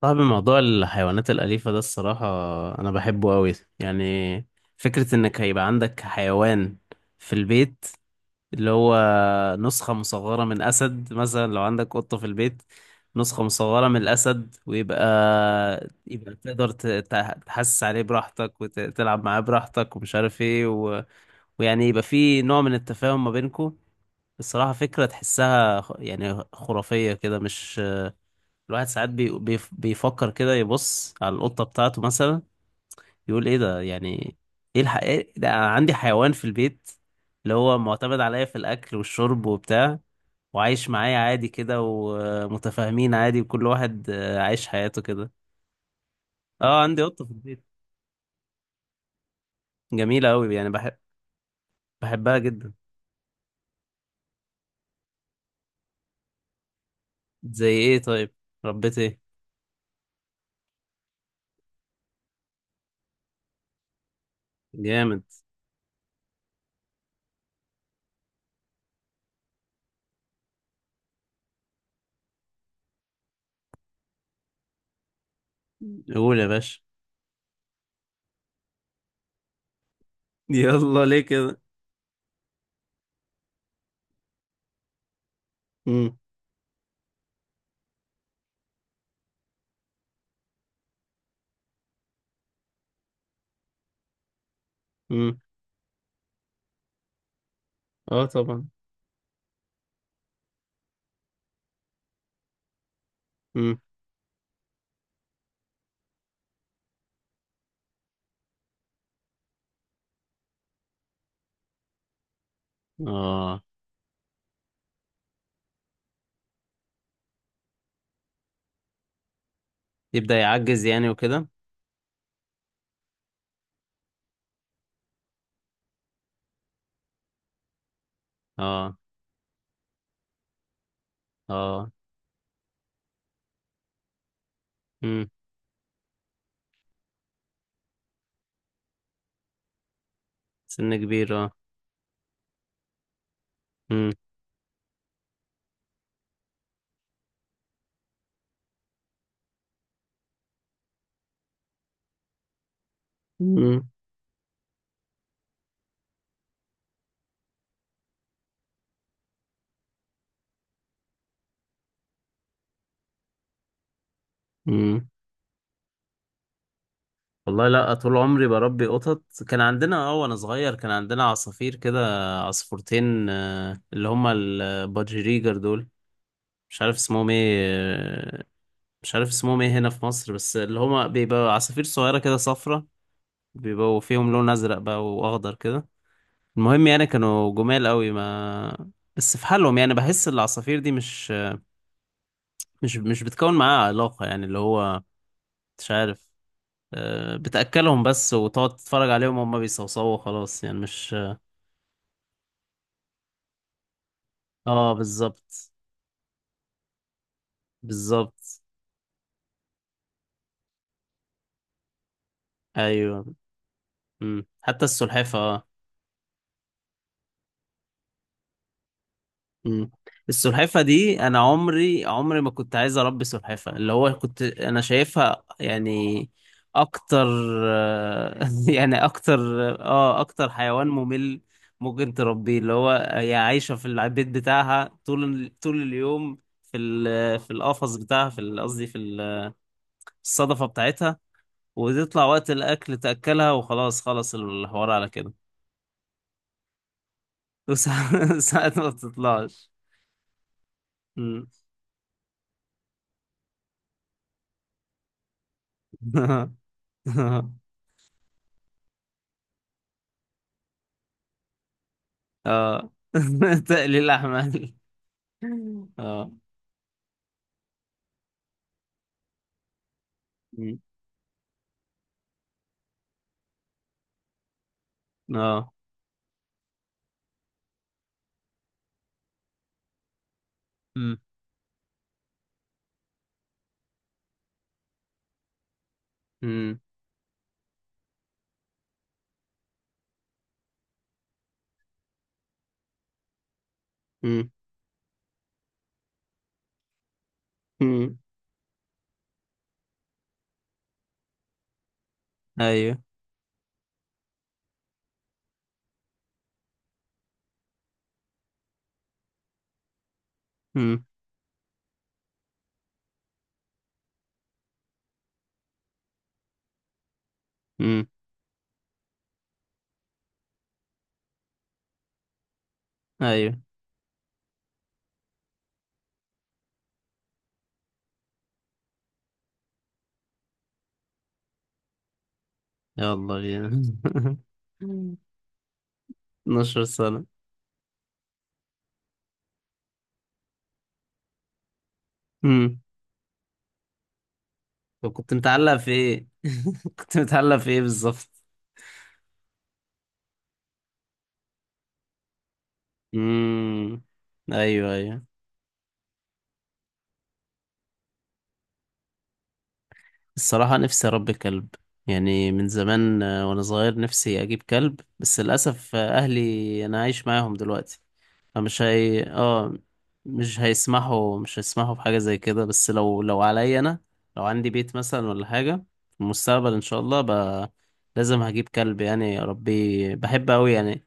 طب، موضوع الحيوانات الأليفة ده الصراحة أنا بحبه أوي. يعني فكرة إنك هيبقى عندك حيوان في البيت، اللي هو نسخة مصغرة من أسد مثلا، لو عندك قطة في البيت نسخة مصغرة من الأسد، ويبقى تقدر تحسس عليه براحتك وتلعب معاه براحتك، ومش عارف إيه ويعني يبقى في نوع من التفاهم ما بينكو. الصراحة فكرة تحسها يعني خرافية كده، مش الواحد ساعات بيفكر كده، يبص على القطة بتاعته مثلا يقول ايه ده، يعني إيه ده، أنا عندي حيوان في البيت اللي هو معتمد عليا في الأكل والشرب وبتاع، وعايش معايا عادي كده ومتفاهمين عادي، وكل واحد عايش حياته كده. اه، عندي قطة في البيت جميلة أوي، يعني بحبها جدا. زي ايه طيب؟ ربيت ايه؟ جامد. قول يا باشا. يلا ليه كده؟ امم. امم. اه طبعا. امم. اه يبدأ يعجز يعني وكده. اه. اه. امم. سن كبير اه. امم. امم. امم. والله لا، طول عمري بربي قطط. كان عندنا اه وانا صغير كان عندنا عصافير كده، عصفورتين، اللي هما البادجريجر دول، مش عارف اسمهم ايه، مش عارف اسمهم ايه هنا في مصر، بس اللي هما بيبقى عصافير صغيرة كده صفرة، بيبقوا فيهم لون ازرق بقى واخضر كده. المهم يعني كانوا جمال قوي ما. بس في حالهم، يعني بحس العصافير دي مش بتكون معاها علاقة، يعني اللي هو مش عارف، بتأكلهم بس وتقعد تتفرج عليهم وهم بيصوصوا، خلاص يعني مش. اه بالظبط. بالظبط. ايوه. مم. حتى السلحفة اه. مم. السلحفة دي انا عمري ما كنت عايز اربي سلحفة، اللي هو كنت انا شايفها يعني اكتر، يعني اكتر. اه اكتر حيوان ممل ممكن تربيه، اللي هو هي عايشة في البيت بتاعها طول طول اليوم في القفص بتاعها قصدي الصدفة بتاعتها، وتطلع وقت الأكل تأكلها، وخلاص خلص الحوار على كده. وساعات ساعات ما بتطلعش. مم. اه. تقليل أحمال. اه. مم. اه. مم. مم. مم. مم. أيوه. مم. مم. أيوه. يلا بينا. 12 سنة. مم. طب كنت متعلق في إيه؟ كنت متعلق في إيه بالظبط؟ مم. أيوه أيوه. الصراحة نفسي أربي كلب، يعني من زمان وأنا صغير نفسي أجيب كلب، بس للأسف أهلي أنا عايش معاهم دلوقتي، فمش هي آه، مش هيسمحوا بحاجة زي كده، بس لو عليا أنا، لو عندي بيت مثلا ولا حاجة في المستقبل إن شاء الله لازم هجيب كلب، يعني أربيه، بحب أوي يعني،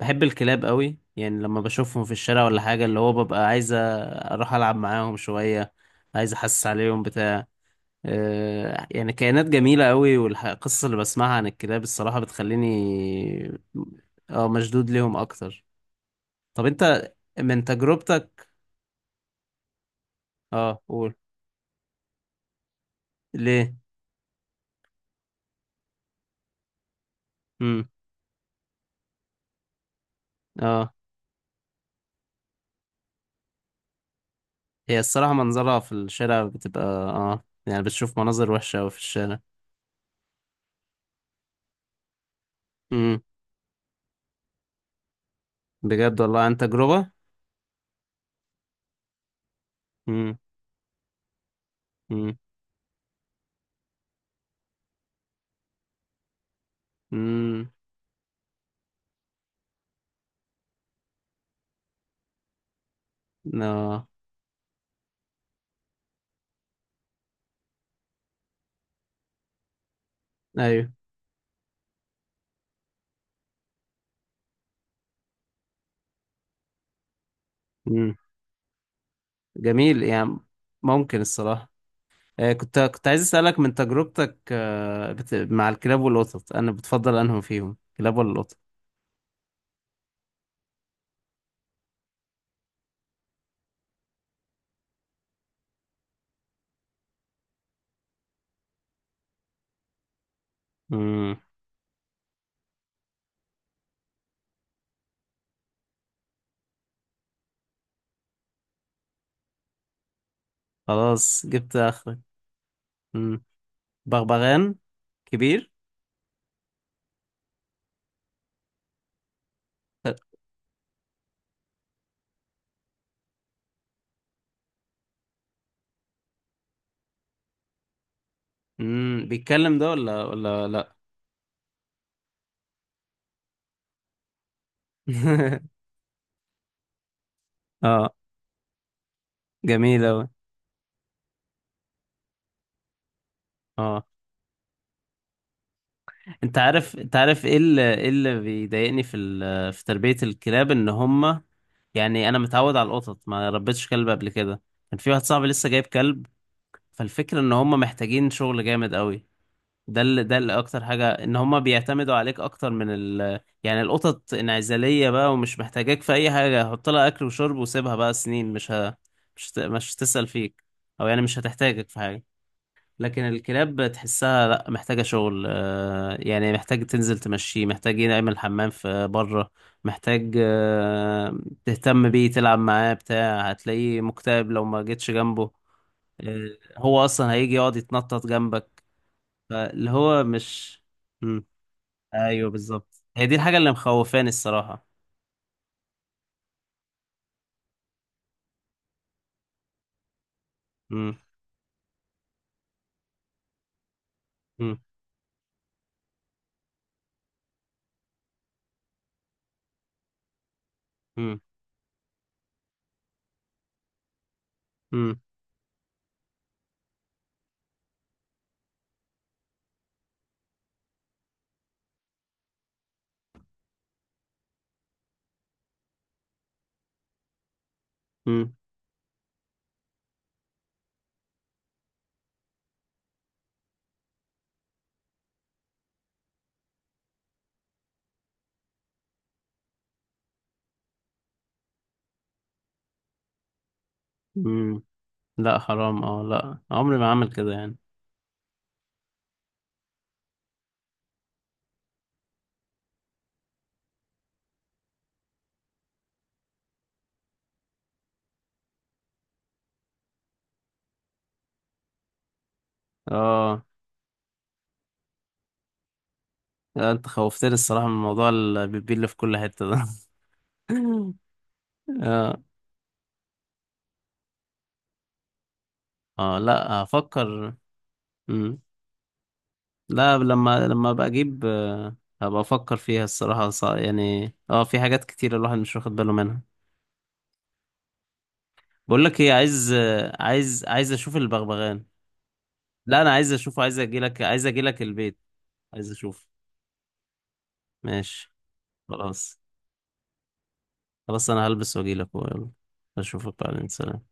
بحب الكلاب أوي. يعني لما بشوفهم في الشارع ولا حاجة، اللي هو ببقى عايز أروح ألعب معاهم شوية، عايز أحس عليهم بتاع، يعني كائنات جميلة قوي، والقصص اللي بسمعها عن الكلاب الصراحة بتخليني اه مشدود ليهم أكتر. طب أنت من تجربتك، اه قول. ليه؟ مم. اه هي الصراحة منظرها في الشارع بتبقى اه، يعني بتشوف مناظر وحشة أوي في الشارع. مم. بجد والله عن تجربة؟ مم. مم. مم. اه. أيوه. مم. جميل يعني، ممكن الصراحة، كنت عايز أسألك من تجربتك، مع الكلاب والقطط أنا بتفضل أنهم فيهم كلاب ولا القطط. مم. خلاص جبت آخرك. مم. بغبغان كبير. مم. بيتكلم ده ولا لأ؟ اه. جميل أوي. اه انت عارف، انت عارف ايه اللي بيضايقني في تربية الكلاب ان هما، يعني انا متعود على القطط، ما ربيتش كلب قبل كده، كان في واحد صاحبي لسه جايب كلب. فالفكرة ان هما محتاجين شغل جامد قوي، اكتر حاجة ان هما بيعتمدوا عليك اكتر يعني القطط انعزالية بقى ومش محتاجاك في اي حاجة، حط لها اكل وشرب وسيبها بقى سنين مش هتسأل فيك، او يعني مش هتحتاجك في حاجة. لكن الكلاب تحسها لا محتاجة شغل، يعني محتاج تنزل تمشيه، محتاج يعمل حمام في بره، محتاج، تهتم بيه، تلعب معاه بتاع، هتلاقيه مكتئب لو ما جيتش جنبه آه، هو اصلا هيجي يقعد يتنطط جنبك، فاللي هو مش. مم. ايوه بالظبط، هي دي الحاجه اللي مخوفاني الصراحه. مم. مم. مم. مم. مم. مم. لا حرام اه، لا عمري ما اعمل كده يعني. اه لا، انت خوفتني الصراحه من موضوع البيبي اللي في كل حته ده. اه. اه لا هفكر. مم. لا، لما ابقى اجيب، هبقى افكر فيها الصراحه، يعني اه، في حاجات كتير الواحد مش واخد باله منها. بقول لك ايه، عايز، عايز اشوف البغبغان. لا انا عايز اشوفه، عايز اجي لك البيت. عايز اشوف. ماشي. خلاص. خلاص انا هلبس واجي لك، يلا اشوفك بعدين، سلام.